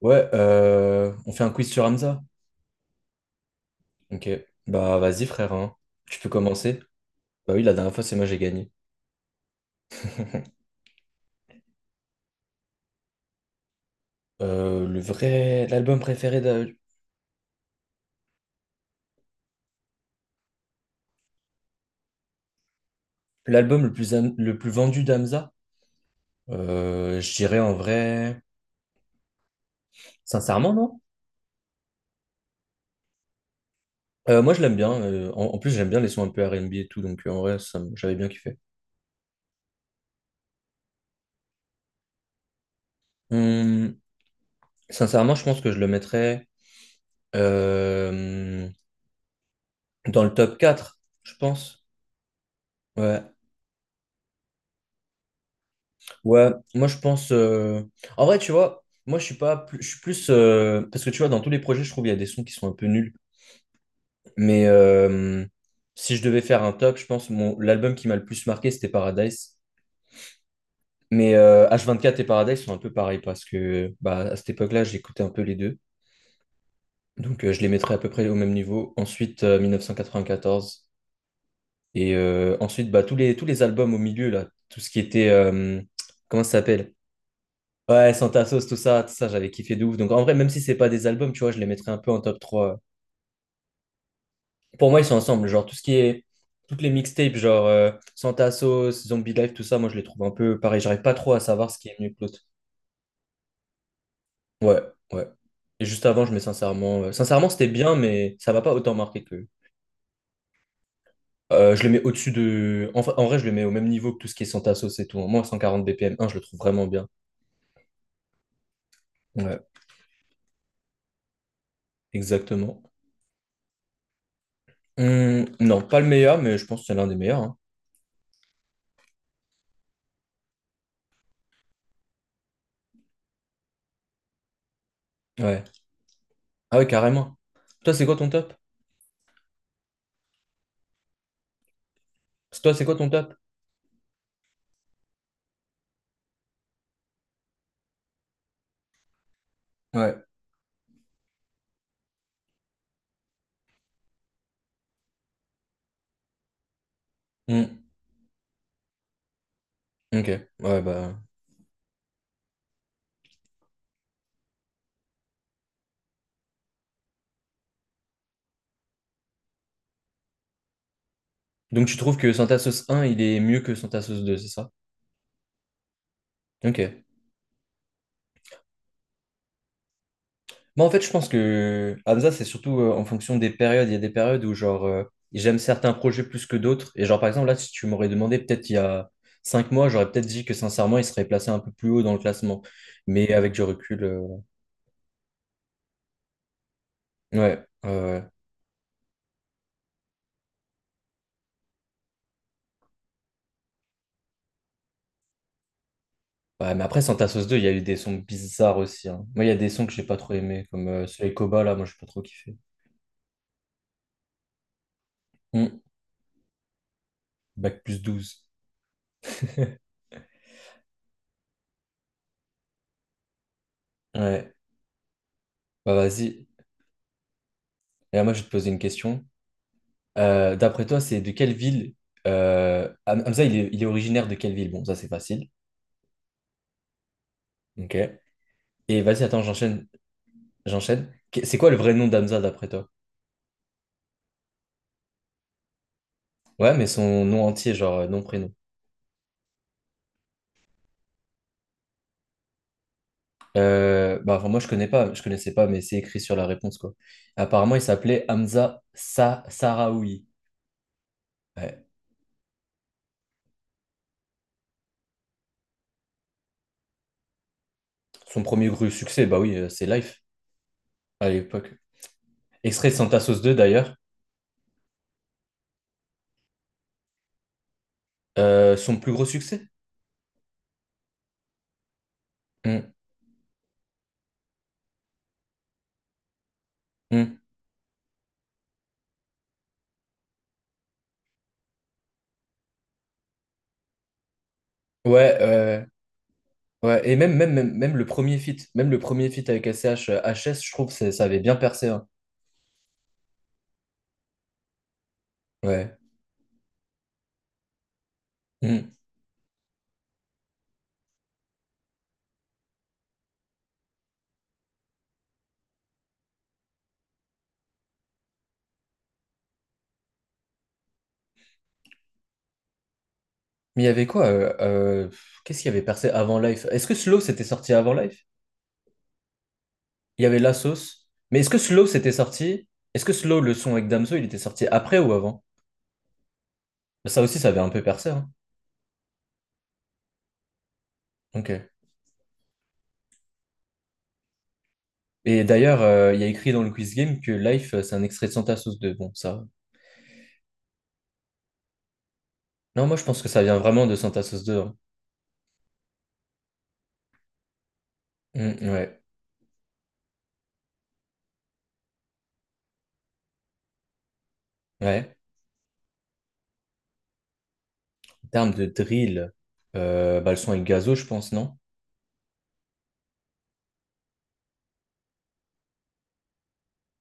Ouais, on fait un quiz sur Hamza. Ok. Bah vas-y frère, hein. Tu peux commencer. Bah oui, la dernière fois c'est moi j'ai gagné. Le vrai, l'album préféré de... L'album le plus vendu d'Hamza. Je dirais en vrai, sincèrement non. Moi je l'aime bien. En plus j'aime bien les sons un peu R&B et tout, donc en vrai j'avais bien kiffé. Hum, Sincèrement je pense que je le mettrais euh, dans le top 4. Je pense. Ouais. Ouais, moi je pense. En vrai, tu vois, moi je suis pas plus. Je suis plus. Parce que tu vois, dans tous les projets, je trouve il y a des sons qui sont un peu nuls. Mais si je devais faire un top, je pense l'album qui m'a le plus marqué, c'était Paradise. Mais H24 et Paradise sont un peu pareils parce que bah, à cette époque-là, j'écoutais un peu les deux. Donc je les mettrais à peu près au même niveau. Ensuite, 1994. Et ensuite, bah, tous les albums au milieu, là, tout ce qui était. Comment ça s'appelle? Ouais, Santa Sauce, tout ça, j'avais kiffé de ouf. Donc en vrai, même si c'est pas des albums, tu vois, je les mettrais un peu en top trois. Pour moi, ils sont ensemble. Genre tout ce qui est. Toutes les mixtapes, genre Santa Sauce, Zombie Life, tout ça, moi je les trouve un peu pareil. J'arrive pas trop à savoir ce qui est mieux que l'autre. Ouais, ouais. Et juste avant, je mets sincèrement. Sincèrement, c'était bien, mais ça m'a pas autant marqué que. Je le mets au-dessus de. En vrai, je le mets au même niveau que tout ce qui est Santa Sauce et tout. Moi, 140 BPM un je le trouve vraiment bien. Ouais, exactement. Non, pas le meilleur, mais je pense que c'est l'un des meilleurs, hein. Ouais. Ah ouais, carrément. Toi, c'est quoi ton top? Toi, c'est quoi ton top? Ouais. Hmm. Ok. Ouais, bah. Donc, tu trouves que Syntasos 1, il est mieux que Syntasos 2, c'est ça? Ok. Moi, en fait, je pense que Hamza, c'est surtout en fonction des périodes. Il y a des périodes où, genre, j'aime certains projets plus que d'autres. Et, genre, par exemple, là, si tu m'aurais demandé, peut-être il y a 5 mois, j'aurais peut-être dit que, sincèrement, il serait placé un peu plus haut dans le classement. Mais avec du recul, ouais. Ouais, ouais. Ouais, mais après, Santa Sauce 2 il y a eu des sons bizarres aussi, hein. Moi, il y a des sons que j'ai pas trop aimés, comme celui avec Koba, là, moi, j'ai pas trop kiffé. Hmm. Bac+12. Ouais, bah vas-y. Et là, moi, je vais te poser une question. D'après toi, c'est de quelle ville Hamza, il est originaire de quelle ville? Bon, ça, c'est facile. Ok. Et vas-y, attends, j'enchaîne. J'enchaîne. C'est quoi le vrai nom d'Hamza, d'après toi? Ouais, mais son nom entier, genre nom, prénom. Bah, enfin, moi, je connais pas, je connaissais pas, mais c'est écrit sur la réponse, quoi. Apparemment, il s'appelait Hamza Sa Sahraoui. Ouais. Son premier gros succès, bah oui, c'est Life à l'époque. Extrait de Santa Sauce 2 d'ailleurs. Son plus gros succès? Mm, mm. Ouais, ouais. Et même le premier feat, avec S C H H S je trouve que ça avait bien percé, hein. Ouais. Mm. Mais il y avait quoi? Qu'est-ce qu'il y avait percé avant Life? Est-ce que Slow c'était sorti avant Life? Il y avait La Sauce. Mais est-ce que Slow c'était sorti? Est-ce que Slow, le son avec Damso, il était sorti après ou avant? Ça aussi, ça avait un peu percé, hein. Ok. Et d'ailleurs, il y a écrit dans le quiz game que Life, c'est un extrait de Santa Sauce 2. Bon, ça. Non, moi, je pense que ça vient vraiment de Santa Sauce 2, hein. Mm, ouais, ouais. En termes de drill, bah, le son est gazo, je pense, non?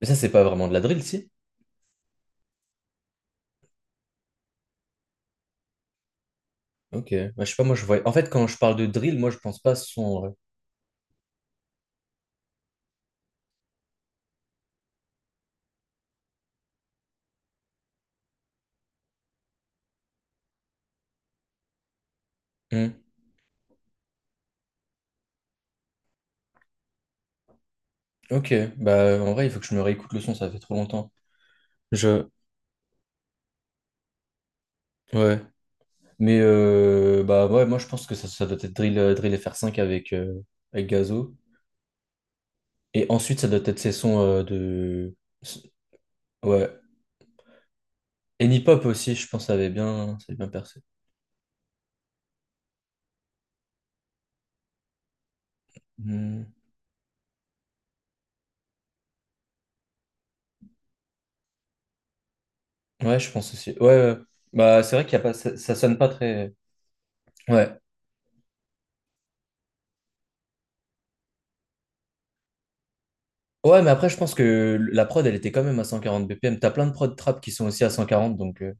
Mais ça, c'est pas vraiment de la drill, si? Ok. Bah, je sais pas, moi, je vois. En fait, quand je parle de drill, moi, je pense pas à ce son, en vrai. Mm. Ok. Bah, en vrai, il faut que je me réécoute le son, ça fait trop longtemps. Je. Ouais. Mais, bah, ouais, moi, je pense que ça doit être drill, drill FR5 avec gazo. Et ensuite, ça doit être ces sons de. Ouais. Et Nipop aussi, je pense, avait bien, ça avait bien percé. Hmm. Ouais, je pense aussi. Ouais, ouais. Bah, c'est vrai qu'il y a pas, ça sonne pas très. Ouais. Ouais, mais après, je pense que la prod, elle était quand même à 140 BPM. T'as plein de prod trap qui sont aussi à 140, donc.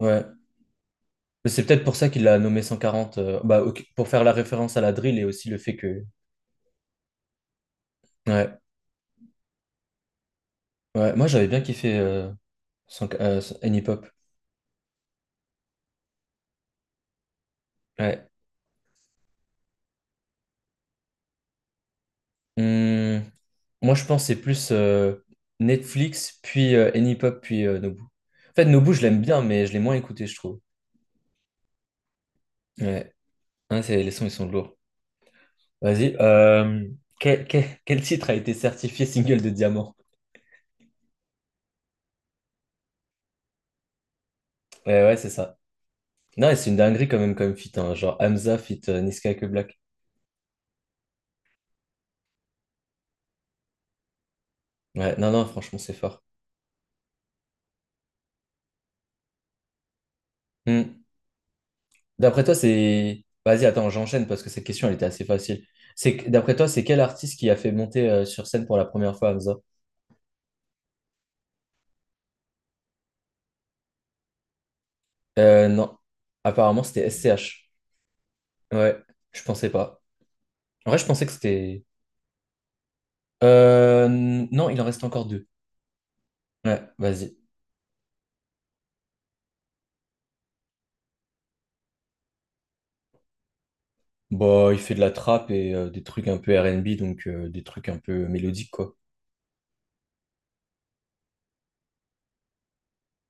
Ouais. Mais c'est peut-être pour ça qu'il l'a nommé 140. Bah, ok, pour faire la référence à la drill et aussi le fait que. Ouais. Ouais. Moi, j'avais bien kiffé 100 Anypop. Ouais. Hum, Moi, je pense que c'est plus Netflix, puis Anypop, puis Nobu. En fait, Nobu, je l'aime bien, mais je l'ai moins écouté, je trouve. Ouais. Hein, les sons, ils sont lourds. Vas-y. Quel, quel titre a été certifié single de diamant? Ouais, ouais, c'est ça. Non, et c'est une dinguerie quand même comme feat, hein, genre Hamza feat Niska que Black. Ouais, non, non, franchement, c'est fort. Hum. D'après toi, c'est... Vas-y, attends, j'enchaîne parce que cette question, elle était assez facile. C'est... D'après toi, c'est quel artiste qui a fait monter sur scène pour la première fois Hamza? Non. Apparemment, c'était SCH. Ouais, je pensais pas. En vrai, je pensais que c'était. Non, il en reste encore deux. Ouais, vas-y. Bah, il fait de la trappe et des trucs un peu R&B, donc des trucs un peu mélodiques, quoi.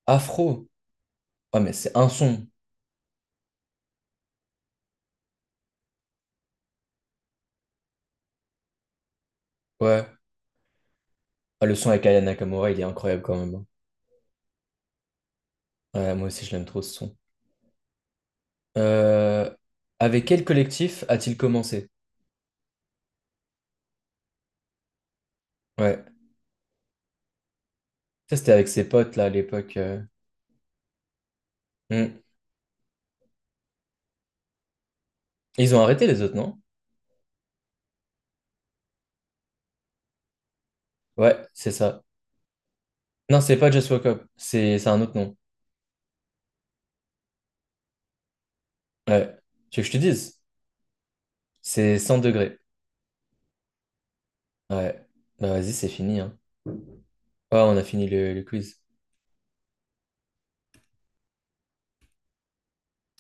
Afro. Ah, mais c'est un son. Ouais. Ah, le son avec Aya Nakamura, il est incroyable quand même, hein. Ouais, moi aussi, je l'aime trop ce son. Euh, Avec quel collectif a-t-il commencé? Ouais. Ça, c'était avec ses potes, là, à l'époque. Hmm. Ils ont arrêté les autres, non? Ouais, c'est ça. Non, c'est pas Just Wake Up, c'est un autre nom. Ouais. Tu veux que je te dise? C'est 100 degrés. Ouais. Bah vas-y, c'est fini, hein. Ouais, on a fini le quiz.